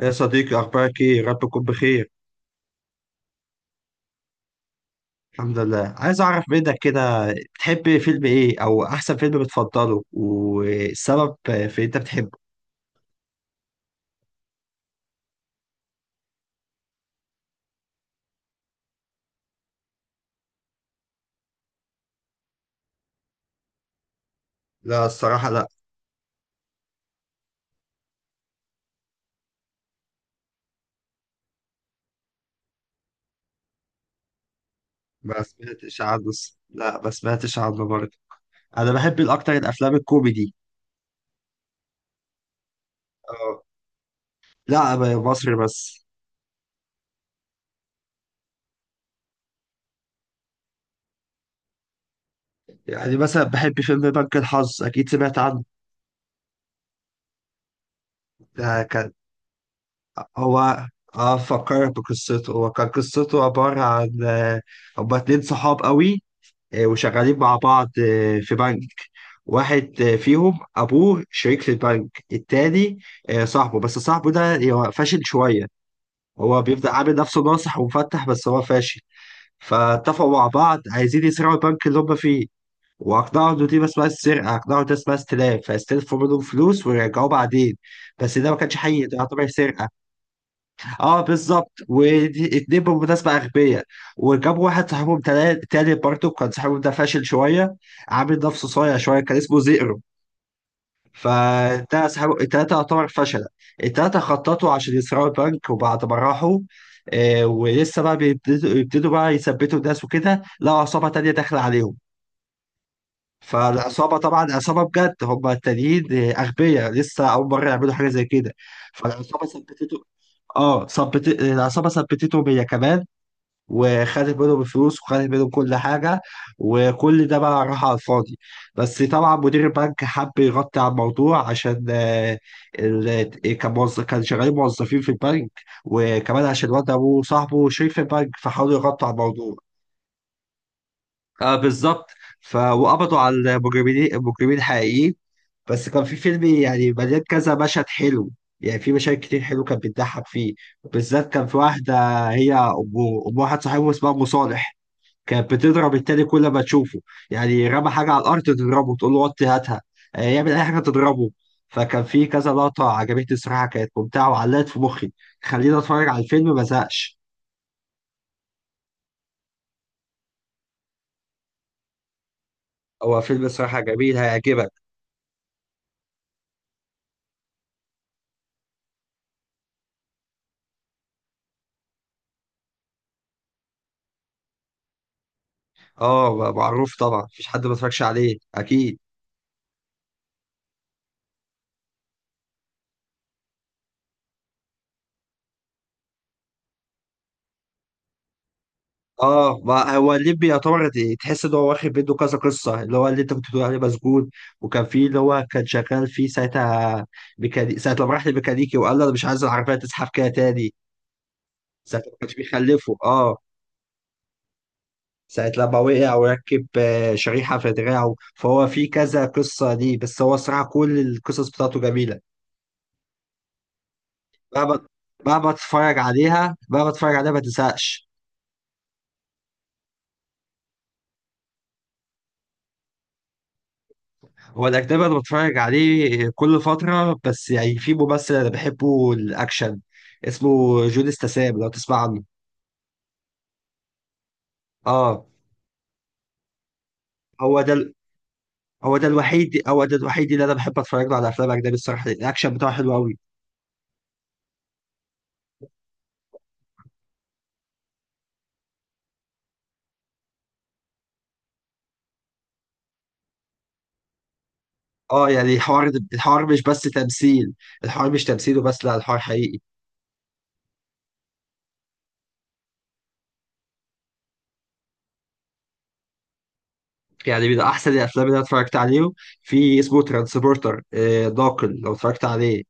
يا صديقي أخبارك إيه؟ رب تكون بخير. الحمد لله. عايز أعرف منك كده، بتحب فيلم إيه أو أحسن فيلم بتفضله والسبب في أنت بتحبه؟ لا الصراحة لا. ما سمعتش عنه لا ما سمعتش عنه برضه. أنا بحب الأكتر الأفلام الكوميدي. اه. لا مصري بس. يعني مثلا بحب فيلم بنك الحظ، أكيد سمعت عنه. ده كان هو، اه فكرت بقصته. هو كان قصته عبارة عن هما اتنين صحاب قوي، وشغالين مع بعض في بنك. واحد فيهم أبوه شريك في البنك التاني، صاحبه. بس صاحبه ده هو فاشل شوية. هو بيبدأ عامل نفسه ناصح ومفتح بس هو فاشل. فاتفقوا مع بعض عايزين يسرقوا البنك اللي هم فيه. وأقنعوا إن دي اسمها السرقة، أقنعوا إن ده اسمها استلاف، فاستلفوا منهم فلوس ويرجعوه بعدين. بس ده ما كانش حقيقي، ده يعتبر سرقة. اه بالظبط. ودي اتنين بالمناسبة أغبياء. وجابوا واحد صاحبهم تالت، برضه كان صاحبهم ده فاشل شوية. عامل نفسه صايع شوية، كان اسمه زئرو. فده صاحبه التلاتة يعتبر فشلة. التلاتة خططوا عشان يسرقوا البنك، وبعد ما راحوا ولسه بقى يبتدوا بقى يثبتوا الناس وكده، لقوا عصابة تانية داخلة عليهم. فالعصابة طبعا عصابة بجد، هم التانيين أغبياء لسه أول مرة يعملوا حاجة زي كده. فالعصابة ثبتته. اه ثبت العصابة ثبتتهم هي كمان، وخدت منهم الفلوس وخدت منهم كل حاجة. وكل ده بقى راح على الفاضي. بس طبعا مدير البنك حب يغطي على الموضوع عشان كان موظف، كان شغالين موظفين في البنك، وكمان عشان الواد أبوه صاحبه شريك في البنك، فحاولوا يغطوا على الموضوع. بالظبط. وقبضوا على المجرمين الحقيقيين. بس كان في فيلم يعني مليان كذا مشهد حلو. يعني في مشاهد كتير حلو كانت بتضحك فيه. بالذات كان في واحدة، هي أم، أم واحد صاحبه اسمها أم صالح، كانت بتضرب التاني كل ما تشوفه. يعني رمى حاجة على الأرض تضربه تقول له وطي هاتها. يعمل أي حاجة تضربه. فكان في كذا لقطة عجبتني الصراحة، كانت ممتعة وعلقت في مخي. خليني أتفرج على الفيلم ما زهقش. هو فيلم صراحة جميل هيعجبك. اه معروف طبعا، مفيش حد ما اتفرجش عليه أكيد. اه، ما هو الليمبي يعتبر تحس ان هو واخد منه كذا قصه. اللي هو اللي انت كنت بتقول عليه مسجون، وكان في اللي هو كان شغال فيه ساعتها. ساعه لما راح لميكانيكي وقال له انا مش عايز العربيه تزحف كده تاني. ساعه ما كانش بيخلفه اه. ساعه لما وقع وركب شريحه في دراعه. فهو في كذا قصه دي، بس هو الصراحه كل القصص بتاعته جميله. مهما مهما تتفرج عليها، مهما تتفرج عليها ما تزهقش. هو الأجنبي أنا بتفرج عليه كل فترة، بس يعني في ممثل أنا بحبه الأكشن، اسمه جون استسام لو تسمع عنه. اه. هو ده ال- هو ده الوحيد، اللي أنا بحب أتفرج له على أفلام أجنبي الصراحة، الأكشن بتاعه حلو أوي. اه يعني الحوار مش بس تمثيل، الحوار مش تمثيل وبس، لا الحوار حقيقي. يعني من أحسن الأفلام اللي أنا اتفرجت عليه، في اسمه ترانسبورتر داكن لو اتفرجت عليه.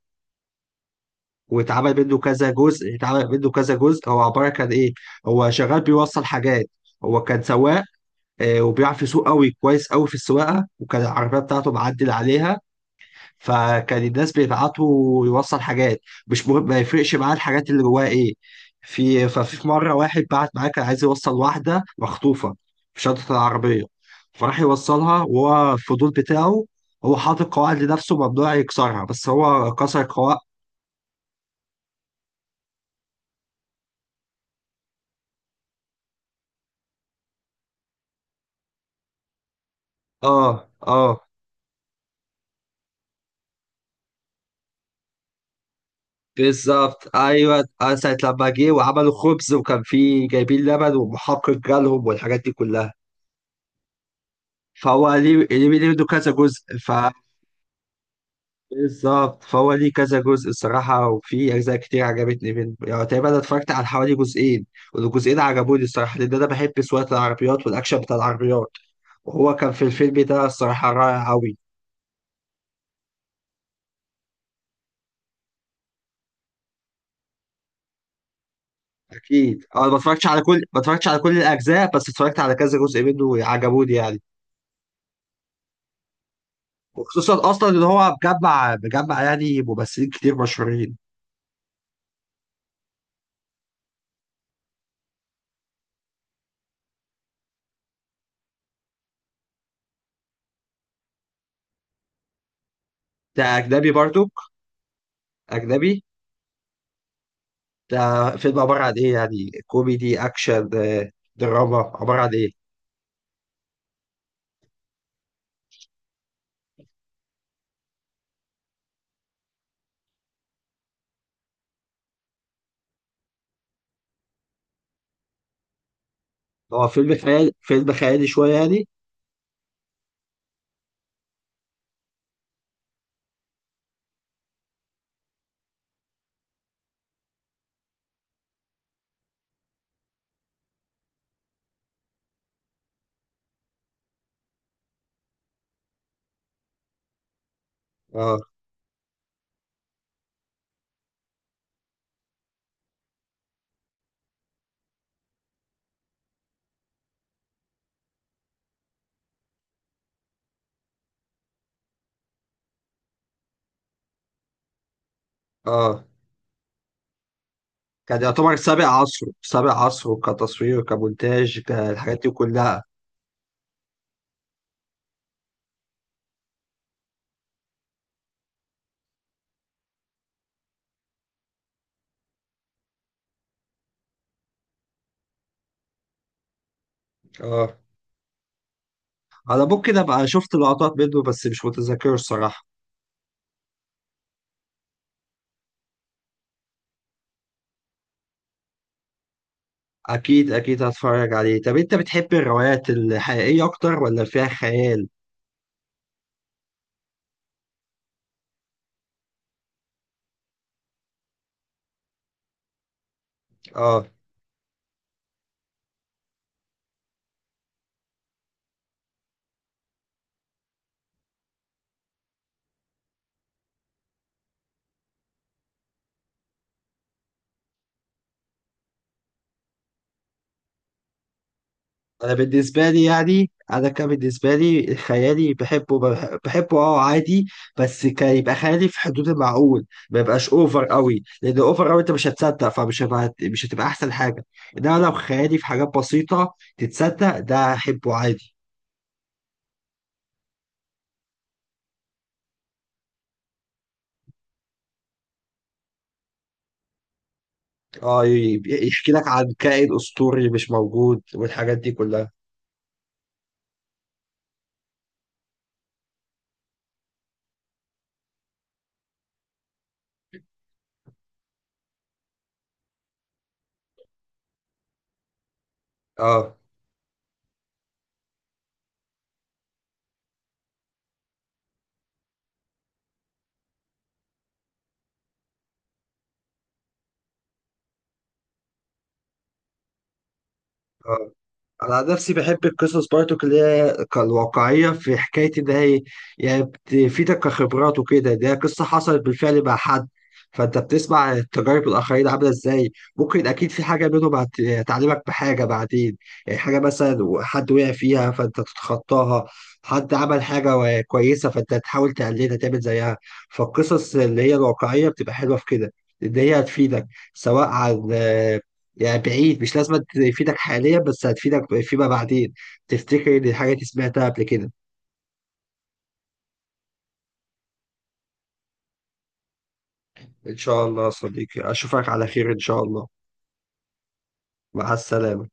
واتعمل منه كذا جزء، هو عباره كان ايه. هو شغال بيوصل حاجات، هو كان سواق، وبيعرف يسوق قوي، كويس قوي في السواقه، وكان العربيه بتاعته معدل عليها. فكان الناس بيبعتوا يوصل حاجات، مش مهم ما يفرقش معاه الحاجات اللي جواها ايه. في مره واحد بعت معاه كان عايز يوصل واحده مخطوفه في شنطه العربيه. فراح يوصلها وهو الفضول بتاعه، هو حاطط قواعد لنفسه ممنوع يكسرها بس هو كسر قواعد. اه اه بالظبط ايوه. ساعه لما جه وعملوا خبز وكان فيه جايبين لبن ومحقق جالهم والحاجات دي كلها. فهو ليه منه كذا جزء، بالظبط، فهو ليه كذا جزء الصراحه، وفي اجزاء كتير عجبتني منه. يعني تقريبا انا اتفرجت على حوالي جزئين، والجزئين عجبوني الصراحه، لان انا بحب سواقه العربيات والاكشن بتاع العربيات. وهو كان في الفيلم ده الصراحه رائع قوي. اكيد. انا ما اتفرجتش على كل الاجزاء بس اتفرجت على كذا جزء منه عجبوني يعني. وخصوصا اصلا ان هو مجمع يعني ممثلين كتير مشهورين. ده اجنبي برضو. اجنبي. ده فيلم عباره عن ايه؟ يعني كوميدي اكشن دراما، عباره عن ايه. هو فيلم خيالي شويه يعني. اه اه كان يعتبر سابق عصره، كتصوير كمونتاج كالحاجات دي كلها. اه انا ممكن ابقى شفت لقطات منه بس مش متذكره الصراحه. اكيد اكيد هتفرج عليه. طب انت بتحب الروايات الحقيقيه اكتر ولا فيها خيال؟ اه، انا بالنسبه لي يعني، انا كان بالنسبه لي خيالي بحبه، بحبه عادي. بس كان يبقى خيالي في حدود المعقول ما يبقاش اوفر قوي، لان اوفر قوي انت مش هتصدق، فمش هبقى مش هتبقى احسن حاجه. انما لو خيالي في حاجات بسيطه تتصدق ده احبه عادي. اه، يحكي لك عن كائن اسطوري مش موجود والحاجات دي كلها. اه آه. انا عن نفسي بحب القصص برضو اللي هي الواقعيه، في حكايه ان هي يعني بتفيدك كخبرات وكده، ده قصه حصلت بالفعل مع حد، فانت بتسمع تجارب الاخرين عامله ازاي، ممكن اكيد في حاجه منهم هتعلمك بحاجه بعدين. يعني حاجه مثلا حد وقع فيها فانت تتخطاها، حد عمل حاجه كويسه فانت تحاول تقلدها تعمل زيها. فالقصص اللي هي الواقعيه بتبقى حلوه في كده، ان هي هتفيدك، سواء عن، يعني بعيد مش لازم تفيدك حاليا بس هتفيدك فيما بعدين، تفتكر ان الحاجة دي سمعتها قبل كده. ان شاء الله يا صديقي، اشوفك على خير ان شاء الله. مع السلامة.